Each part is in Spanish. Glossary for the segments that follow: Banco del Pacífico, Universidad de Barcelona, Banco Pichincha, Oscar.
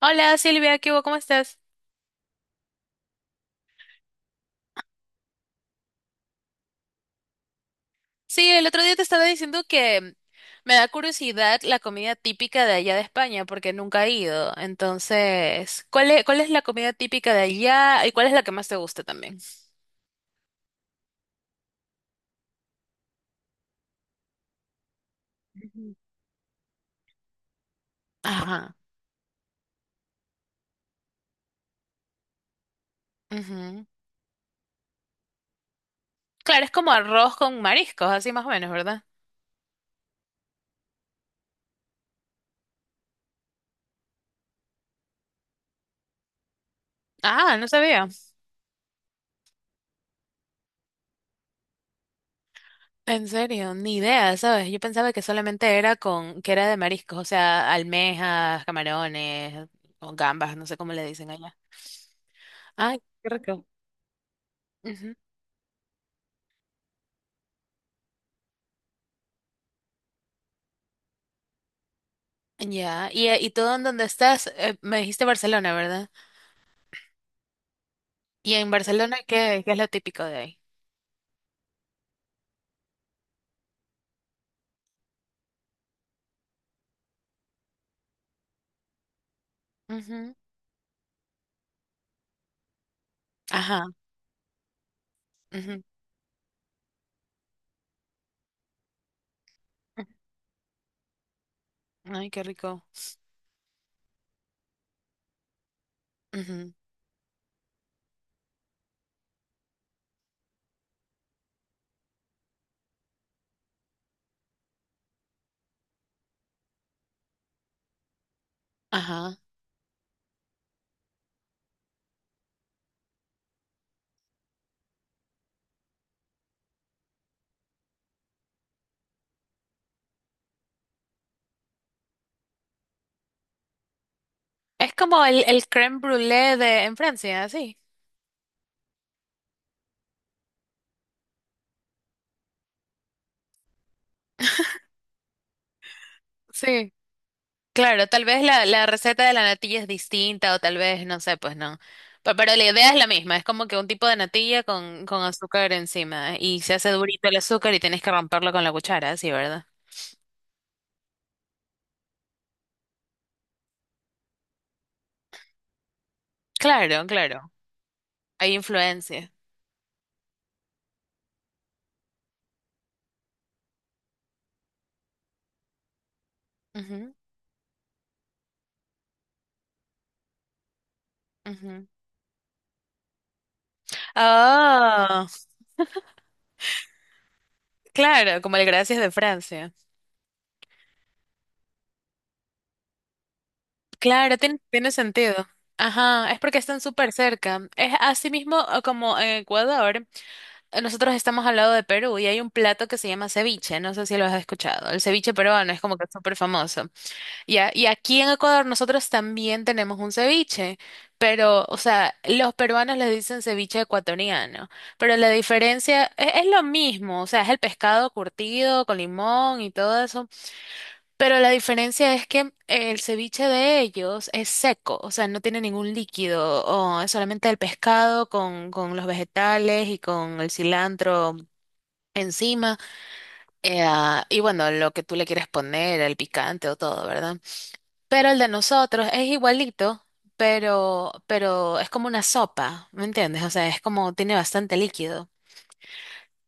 Hola Silvia, ¿qué hubo? ¿Cómo estás? Sí, el otro día te estaba diciendo que me da curiosidad la comida típica de allá de España porque nunca he ido. Entonces, cuál es la comida típica de allá y cuál es la que más te gusta también? Ujú. Ajá. Ujú. Claro, es como arroz con mariscos, así más o menos, ¿verdad? Ah, no sabía. En serio, ni idea, ¿sabes? Yo pensaba que solamente era que era de mariscos, o sea, almejas, camarones, o gambas, no sé cómo le dicen allá. Ay, qué rico. Ya, y tú, en donde estás, me dijiste Barcelona, ¿verdad? Y en Barcelona, qué es lo típico de ahí? Ujú. Ajá. Ujú. Ay, qué rico. Ujú. Ajá. Es como el crème brûlée de en Francia, sí. Sí. Claro, tal vez la receta de la natilla es distinta o tal vez, no sé, pues no. Pero la idea es la misma, es como que un tipo de natilla con azúcar encima y se hace durito el azúcar y tienes que romperlo con la cuchara, sí, ¿verdad? Claro, claro. Hay influencia. Ujú. Ah, claro, como el gracias de Francia. Claro, tiene sentido. Ajá, es porque están súper cerca. Es así mismo, como en Ecuador. Nosotros estamos al lado de Perú y hay un plato que se llama ceviche. No sé si lo has escuchado. El ceviche peruano es como que súper famoso. Ya, y aquí en Ecuador nosotros también tenemos un ceviche. Pero, o sea, los peruanos le dicen ceviche ecuatoriano. Pero la diferencia es lo mismo. O sea, es el pescado curtido con limón y todo eso. Pero la diferencia es que el ceviche de ellos es seco, o sea, no tiene ningún líquido, o es solamente el pescado con los vegetales y con el cilantro encima. Y bueno, lo que tú le quieres poner, el picante o todo, ¿verdad? Pero el de nosotros es igualito, pero es como una sopa, ¿me entiendes? O sea, es como tiene bastante líquido.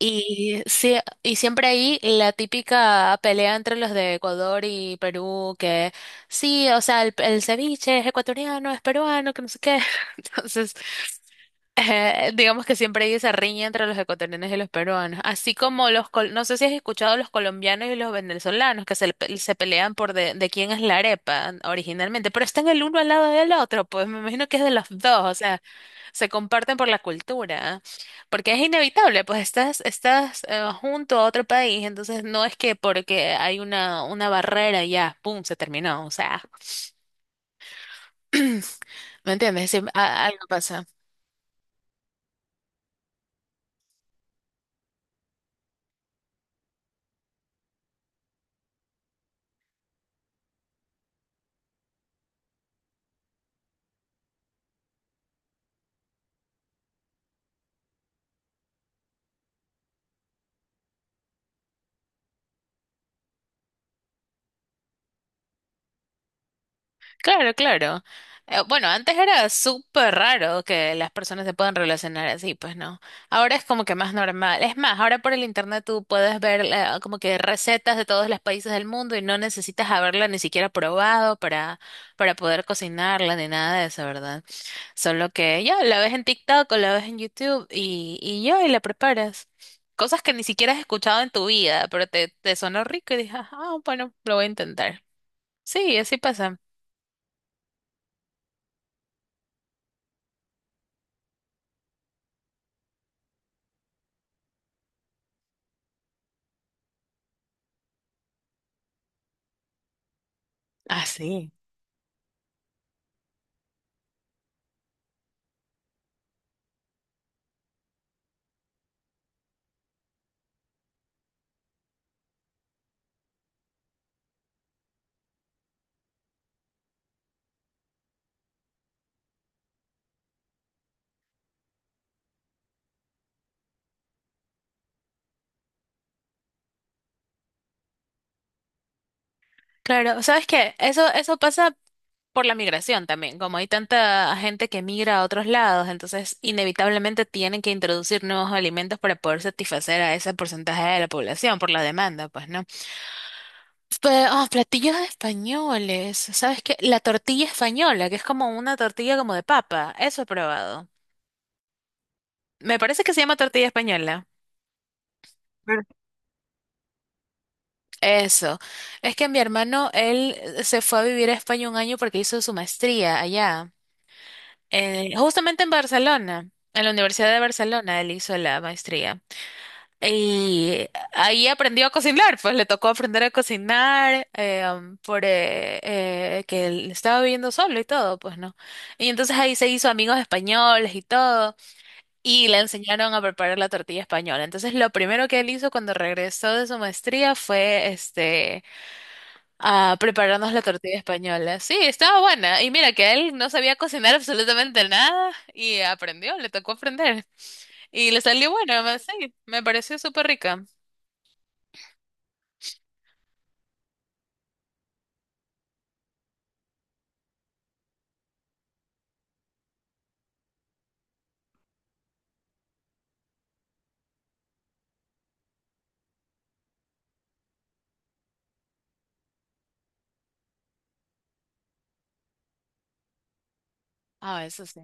Y, sí, siempre ahí la típica pelea entre los de Ecuador y Perú, que sí, o sea, el ceviche es ecuatoriano, es peruano, que no sé qué. Entonces, digamos que siempre hay esa riña entre los ecuatorianos y los peruanos. Así como no sé si has escuchado los colombianos y los venezolanos, que se pelean por de quién es la arepa originalmente, pero están el uno al lado del otro, pues me imagino que es de los dos, o sea, se comparten por la cultura, porque es inevitable, pues estás, junto a otro país, entonces no es que porque hay una barrera y ya, pum, se terminó, o sea, ¿me entiendes? Sí, algo pasa. Claro, claro. Bueno, antes era súper raro que las personas se puedan relacionar así, pues no. Ahora es como que más normal. Es más, ahora por el internet tú puedes ver, como que recetas de todos los países del mundo y no necesitas haberla ni siquiera probado para, poder cocinarla ni nada de eso, ¿verdad? Solo que ya la ves en TikTok o la ves en YouTube y, ya, y la preparas. Cosas que ni siquiera has escuchado en tu vida, pero te sonó rico y dices, ah, bueno, lo voy a intentar. Sí, así pasa. Así. Claro, ¿sabes qué? Eso pasa por la migración también, como hay tanta gente que migra a otros lados, entonces inevitablemente tienen que introducir nuevos alimentos para poder satisfacer a ese porcentaje de la población por la demanda, pues, ¿no? Platillos españoles, ¿sabes qué? La tortilla española, que es como una tortilla como de papa, eso he probado. Me parece que se llama tortilla española. Eso. Es que mi hermano, él se fue a vivir a España un año porque hizo su maestría allá. Justamente en Barcelona, en la Universidad de Barcelona, él hizo la maestría. Y ahí aprendió a cocinar, pues le tocó aprender a cocinar, um, por que él estaba viviendo solo y todo, pues no. Y entonces ahí se hizo amigos españoles y todo, y le enseñaron a preparar la tortilla española. Entonces lo primero que él hizo cuando regresó de su maestría fue a prepararnos la tortilla española. Sí, estaba buena. Y mira que él no sabía cocinar absolutamente nada y aprendió, le tocó aprender. Y le salió bueno, sí, me pareció súper rica. Ah, eso sí.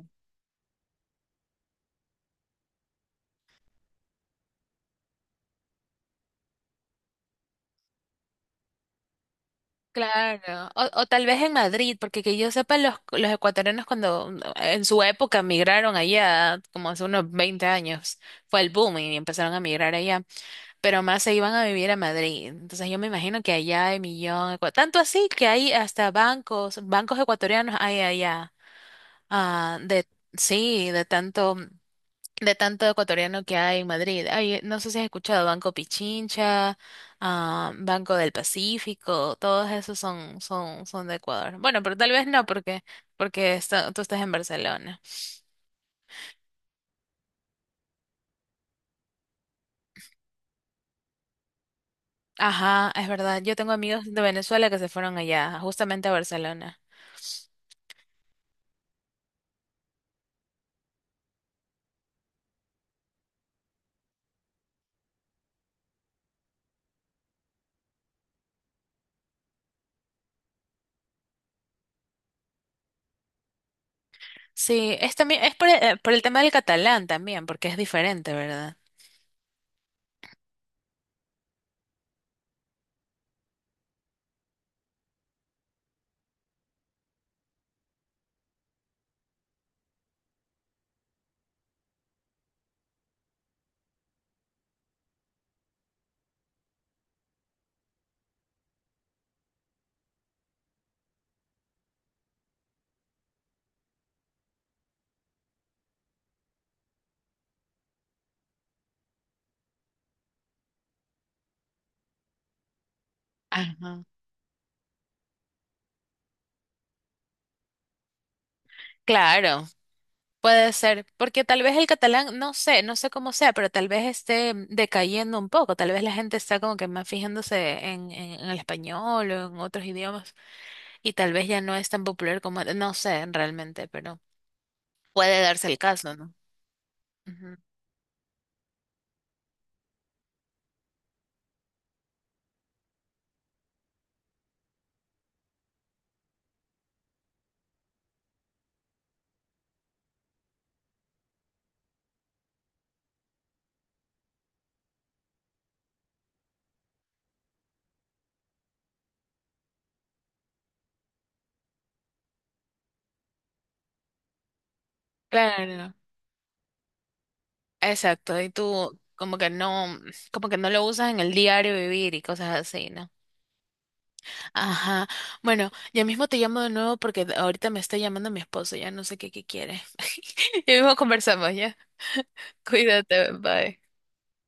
Claro. O tal vez en Madrid, porque, que yo sepa, los ecuatorianos cuando, en su época migraron allá, como hace unos 20 años, fue el boom y empezaron a migrar allá. Pero más se iban a vivir a Madrid. Entonces yo me imagino que allá hay millón, tanto así que hay hasta bancos, bancos ecuatorianos hay allá, ah, de, sí, de tanto ecuatoriano que hay en Madrid. Hay, no sé si has escuchado Banco Pichincha, ah, Banco del Pacífico, todos esos son, son de Ecuador. Bueno, pero tal vez no, porque tú estás en Barcelona. Ajá, es verdad. Yo tengo amigos de Venezuela que se fueron allá, justamente a Barcelona. Sí, es también, es por por el tema del catalán también, porque es diferente, ¿verdad? Ajá. Claro, puede ser, porque tal vez el catalán, no sé, no sé cómo sea, pero tal vez esté decayendo un poco, tal vez la gente está como que más fijándose en, en el español o en otros idiomas y tal vez ya no es tan popular como, no sé realmente, pero puede darse el caso, ¿no? Ujú. Claro, exacto, y tú como que no, lo usas en el diario vivir y cosas así, ¿no? Ajá. Bueno, ya mismo te llamo de nuevo porque ahorita me está llamando mi esposo, ya no sé qué, quiere. Ya mismo conversamos, ya. Cuídate, bye.